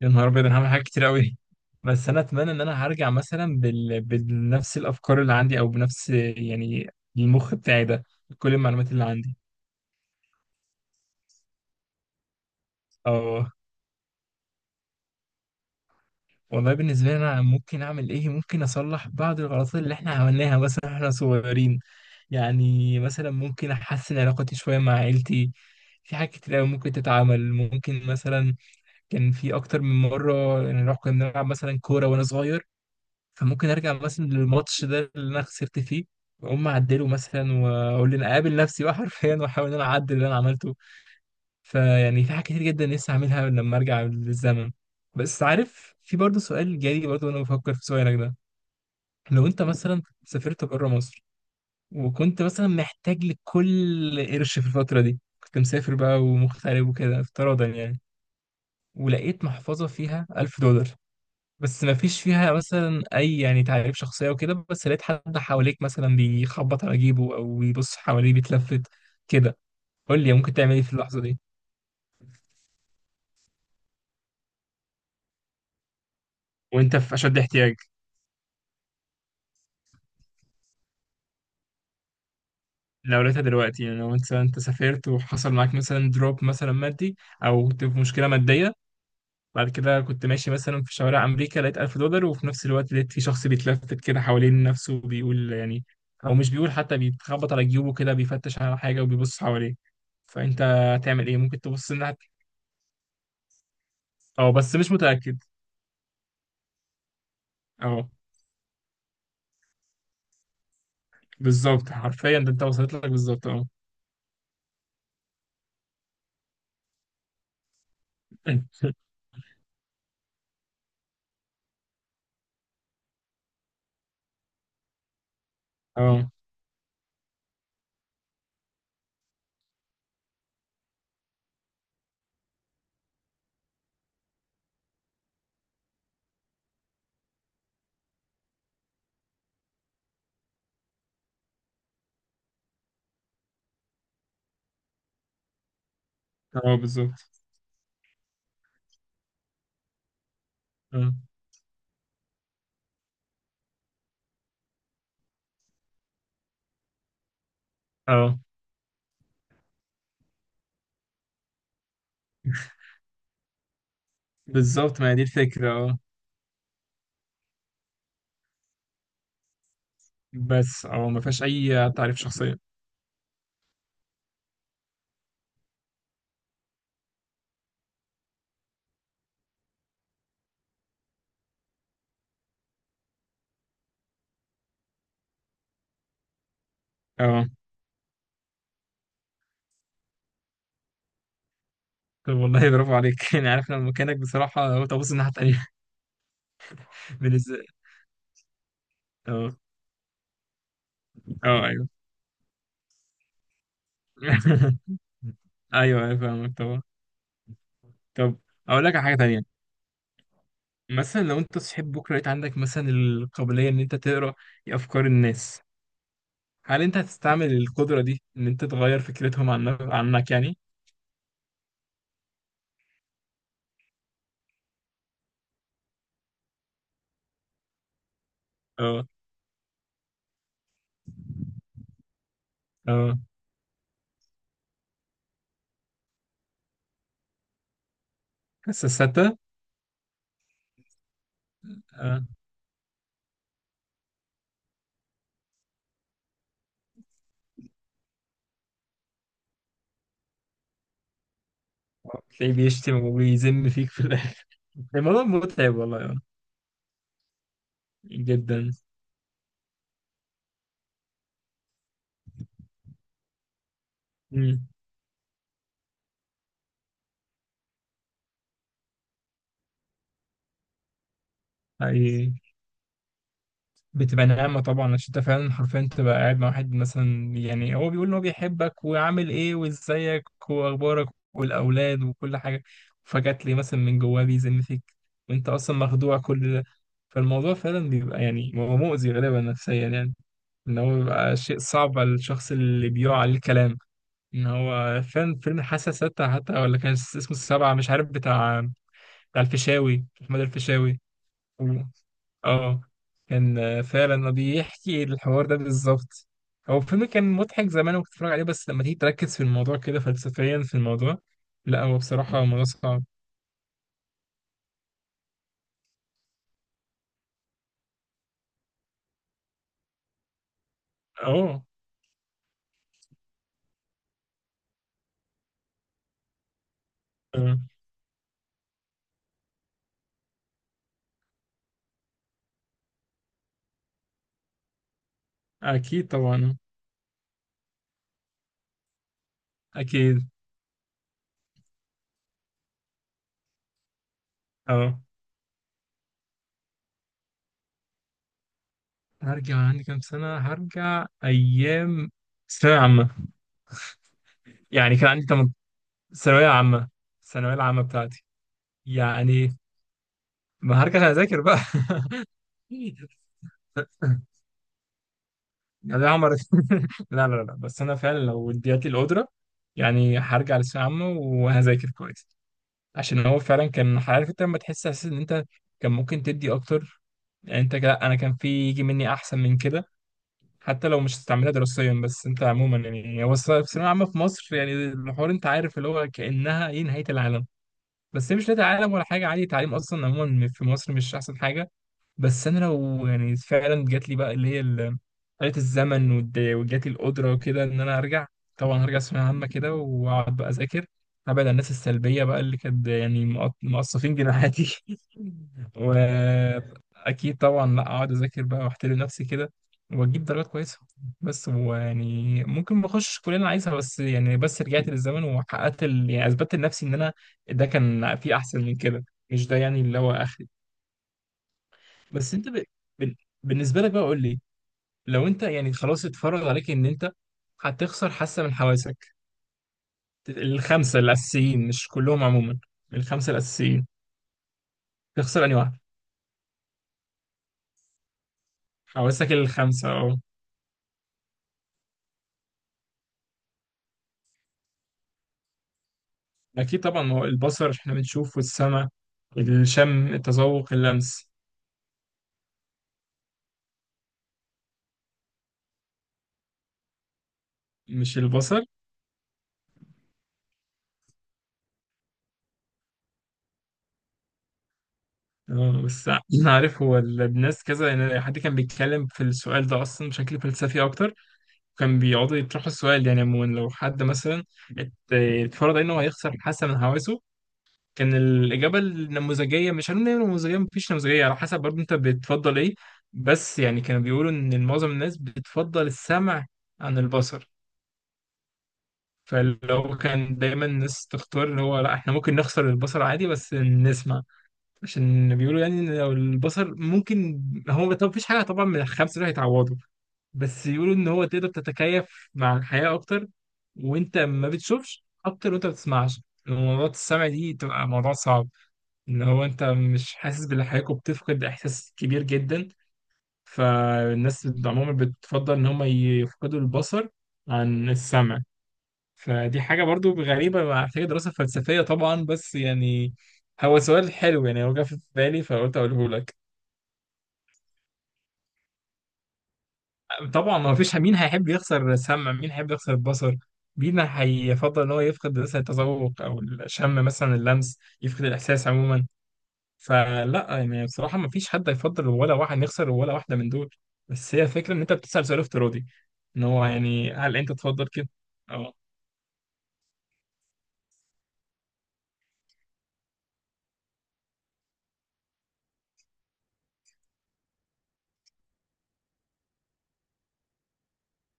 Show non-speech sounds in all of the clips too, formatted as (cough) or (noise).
يا نهار ابيض، انا هعمل حاجات كتير قوي. بس انا اتمنى ان انا هرجع مثلا بنفس الافكار اللي عندي او بنفس يعني المخ بتاعي ده. كل المعلومات اللي عندي. اه، والله بالنسبه لي انا ممكن اعمل ايه؟ ممكن اصلح بعض الغلطات اللي احنا عملناها مثلا احنا صغيرين. يعني مثلا ممكن احسن علاقتي شويه مع عيلتي. في حاجات كتير قوي ممكن تتعمل، ممكن مثلا كان في اكتر من مره نروح كنا بنلعب مثلا كوره وانا صغير. فممكن ارجع مثلا للماتش ده اللي انا خسرت فيه واقوم اعدله مثلا واقول ان اقابل نفسي بقى (laughs) حرفيا واحاول ان انا اعدل اللي انا عملته. فيعني في حاجات كتير جدا نفسي اعملها لما ارجع للزمن. بس عارف، في برضه سؤال جالي برضه وانا بفكر في سؤالك ده. لو انت مثلا سافرت بره مصر، وكنت مثلا محتاج لكل قرش في الفترة دي، كنت مسافر بقى ومغترب وكده افتراضا يعني. ولقيت محفظة فيها ألف دولار، بس ما فيش فيها مثلا اي يعني تعريف شخصيه وكده، بس لقيت حد حواليك مثلا بيخبط على جيبه او بيبص حواليه بيتلفت كده. قول لي، ممكن تعمل ايه في اللحظه دي وانت في اشد احتياج؟ لو لقيتها دلوقتي، يعني لو انت سافرت وحصل معاك مثلا دروب مثلا مادي، او كنت في مشكله ماديه. بعد كده كنت ماشي مثلا في شوارع امريكا، لقيت 1000 دولار، وفي نفس الوقت لقيت في شخص بيتلفت كده حوالين نفسه وبيقول يعني، او مش بيقول حتى، بيتخبط على جيوبه كده بيفتش على حاجه وبيبص حواليه. فانت هتعمل ايه؟ ممكن تبص الناحيه. اه، بس مش متأكد. اه، بالظبط، حرفيا ده انت وصلت لك بالظبط، اه. (laughs) اه، اه، بالظبط، اه. اه، بالظبط، ما هي دي الفكرة، اه. بس اه، ما فيهاش أي تعريف شخصية، اه، طب والله برافو عليك. (laughs) يعني عارف لما مكانك بصراحة قلت أبص الناحية التانية. (laughs) بالنسبة، اه، اه، أيوه. (laughs) أيوه، أيوه، فاهمك طبعا. طب، أقول لك على حاجة تانية. مثلا لو أنت صحيت بكرة لقيت عندك مثلا القابلية إن أنت تقرأ أفكار الناس، هل انت هتستعمل القدرة دي ان انت تغير فكرتهم عنك يعني؟ اه، اه، بس الستة، اه. تلاقيه بيشتم ويذم فيك في الاخر. (laughs) الموضوع متعب والله، اه. جدا. امم. حقيقي. بتبقى نعمة طبعا عشان انت فعلا حرفيا تبقى قاعد مع واحد مثلا، يعني هو بيقول ان هو بيحبك وعامل ايه وازيك واخبارك والاولاد وكل حاجة، فجأة تلاقيه مثلا من جواه بيذم فيك وانت اصلا مخدوع كل ده. فالموضوع فعلا بيبقى يعني هو مؤذي غالبا نفسيا يعني، ان هو بيبقى شيء صعب على الشخص اللي بيقع عليه الكلام. ان هو فاهم فيلم الحاسه السادسه، حتى ولا كان اسمه السبعه، مش عارف، بتاع الفيشاوي، محمد الفيشاوي. و- اه كان فعلا بيحكي الحوار ده بالظبط. هو الفيلم كان مضحك زمان وكنت بتفرج عليه، بس لما تيجي تركز في الموضوع كده فلسفيا في الموضوع، لا، هو بصراحه الموضوع صعب. اه. آه، اكيد طبعا. اكيد، اه. هرجع عندي كام سنه؟ هرجع ايام ثانوية عامة. يعني كان عندي ثانوية عامة، الثانوية العامة بتاعتي. يعني ما هرجع أذاكر بقى (laughs) يعني، يا ده عمر (laughs) لا لا لا، بس أنا فعلا لو اديت لي القدرة، يعني هرجع للثانوية العامة وهذاكر كويس. عشان هو فعلا كان عارف، أنت لما تحس أساسا إن أنت كان ممكن تدي أكتر. يعني أنت، لا، أنا كان في يجي مني أحسن من كده. حتى لو مش هتستعملها دراسيا، بس أنت عموما، يعني هو الثانوية العامة في مصر، يعني الحوار، أنت عارف اللي هو كأنها إيه، نهاية العالم. بس هي مش نادي عالم ولا حاجه، عادي، التعليم اصلا عموما في مصر مش احسن حاجه. بس انا لو يعني فعلا جات لي بقى اللي هي آلة الزمن، وجات لي القدرة وكده ان انا ارجع، طبعا هرجع ثانوية عامة كده واقعد بقى اذاكر، ابعد عن الناس السلبية بقى اللي كانت يعني مقصفين جناحاتي (laughs) واكيد طبعا لا اقعد اذاكر بقى واحترم نفسي كده واجيب درجات كويسة. بس ويعني ممكن ما اخش الكلية اللي انا عايزها، بس يعني بس رجعت للزمن وحققت يعني اثبتت لنفسي ان انا ده كان في احسن من كده، مش ده يعني اللي هو اخري. بس انت بال- بالنسبه لك بقى قول لي، لو انت يعني خلاص اتفرج عليك ان انت هتخسر حاسه من حواسك الخمسه الاساسيين، مش كلهم عموما، الخمسه الاساسيين، تخسر انهي واحده؟ حواسك الخمسه، اه. اكيد طبعا، ما هو البصر احنا بنشوف، والسمع، الشم، التذوق، اللمس. مش البصر؟ اه، بس انا عارف، هو الناس كذا يعني، حد كان بيتكلم في السؤال ده اصلا بشكل فلسفي اكتر، كان بيقعدوا يطرحوا السؤال. يعني عموما لو حد مثلا اتفرض انه هيخسر حاسه من حواسه، كان الاجابه النموذجيه، مش هنقول إن هي نموذجيه، مفيش نموذجيه على حسب برضه انت بتفضل ايه، بس يعني كانوا بيقولوا ان معظم الناس بتفضل السمع عن البصر. فلو كان دايما الناس تختار اللي هو، لا، احنا ممكن نخسر البصر عادي بس نسمع. عشان بيقولوا يعني ان لو البصر ممكن، هو طب مفيش حاجه طبعا من الخمسه دول هيتعوضوا، بس يقولوا ان هو تقدر تتكيف مع الحياة اكتر وانت ما بتشوفش اكتر وانت ما بتسمعش. موضوع السمع دي تبقى موضوع صعب، ان هو انت مش حاسس باللي حواليك وبتفقد احساس كبير جدا. فالناس عموما بتفضل ان هم يفقدوا البصر عن السمع. فدي حاجة برضو غريبة محتاجة دراسة فلسفية طبعا، بس يعني هو سؤال حلو، يعني هو جه في بالي فقلت اقوله لك. طبعا ما فيش مين هيحب يخسر السمع، مين هيحب يخسر البصر، مين هيفضل ان هو يفقد مثلا التذوق او الشم مثلا اللمس، يفقد الاحساس عموما. فلا، يعني بصراحه ما فيش حد هيفضل ولا واحد يخسر ولا واحده من دول. بس هي الفكره ان انت بتسال سؤال افتراضي، ان هو يعني هل انت تفضل كده؟ اه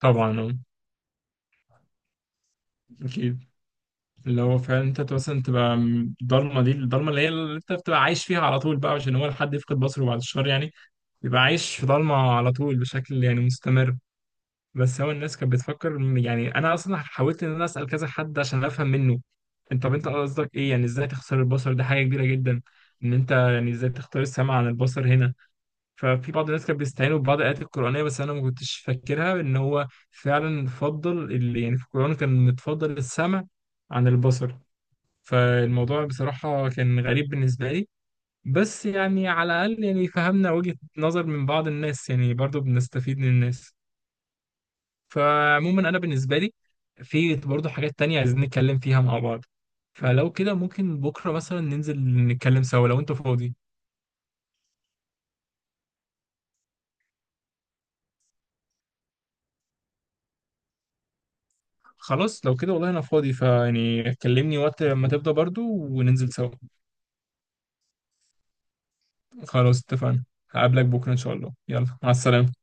طبعا، اه، اكيد. اللي هو فعلا انت مثلا تبقى، الضلمه دي، الضلمه اللي هي اللي انت بتبقى عايش فيها على طول بقى، عشان هو لحد يفقد بصره بعد الشهر يعني بيبقى عايش في ضلمه على طول بشكل يعني مستمر. بس هو الناس كانت بتفكر يعني انا اصلا حاولت ان انا اسال كذا حد عشان افهم منه، انت طب انت قصدك ايه يعني؟ ازاي تختار البصر؟ ده حاجه كبيره جدا ان انت يعني ازاي تختار السمع عن البصر هنا. ففي بعض الناس كانت بيستعينوا ببعض الايات القرانيه، بس انا ما كنتش فاكرها ان هو فعلا فضل، اللي يعني في القران كان متفضل السمع عن البصر. فالموضوع بصراحه كان غريب بالنسبه لي، بس يعني على الاقل يعني فهمنا وجهه نظر من بعض الناس، يعني برضو بنستفيد من الناس. فعموما انا بالنسبه لي، في برضه حاجات تانية عايزين نتكلم فيها مع بعض، فلو كده ممكن بكره مثلا ننزل نتكلم سوا لو انت فاضي. خلاص لو كده والله انا فاضي، فيعني كلمني وقت ما تفضى برضه وننزل سوا. خلاص، اتفقنا. هقابلك بكره ان شاء الله، يلا، مع السلامه.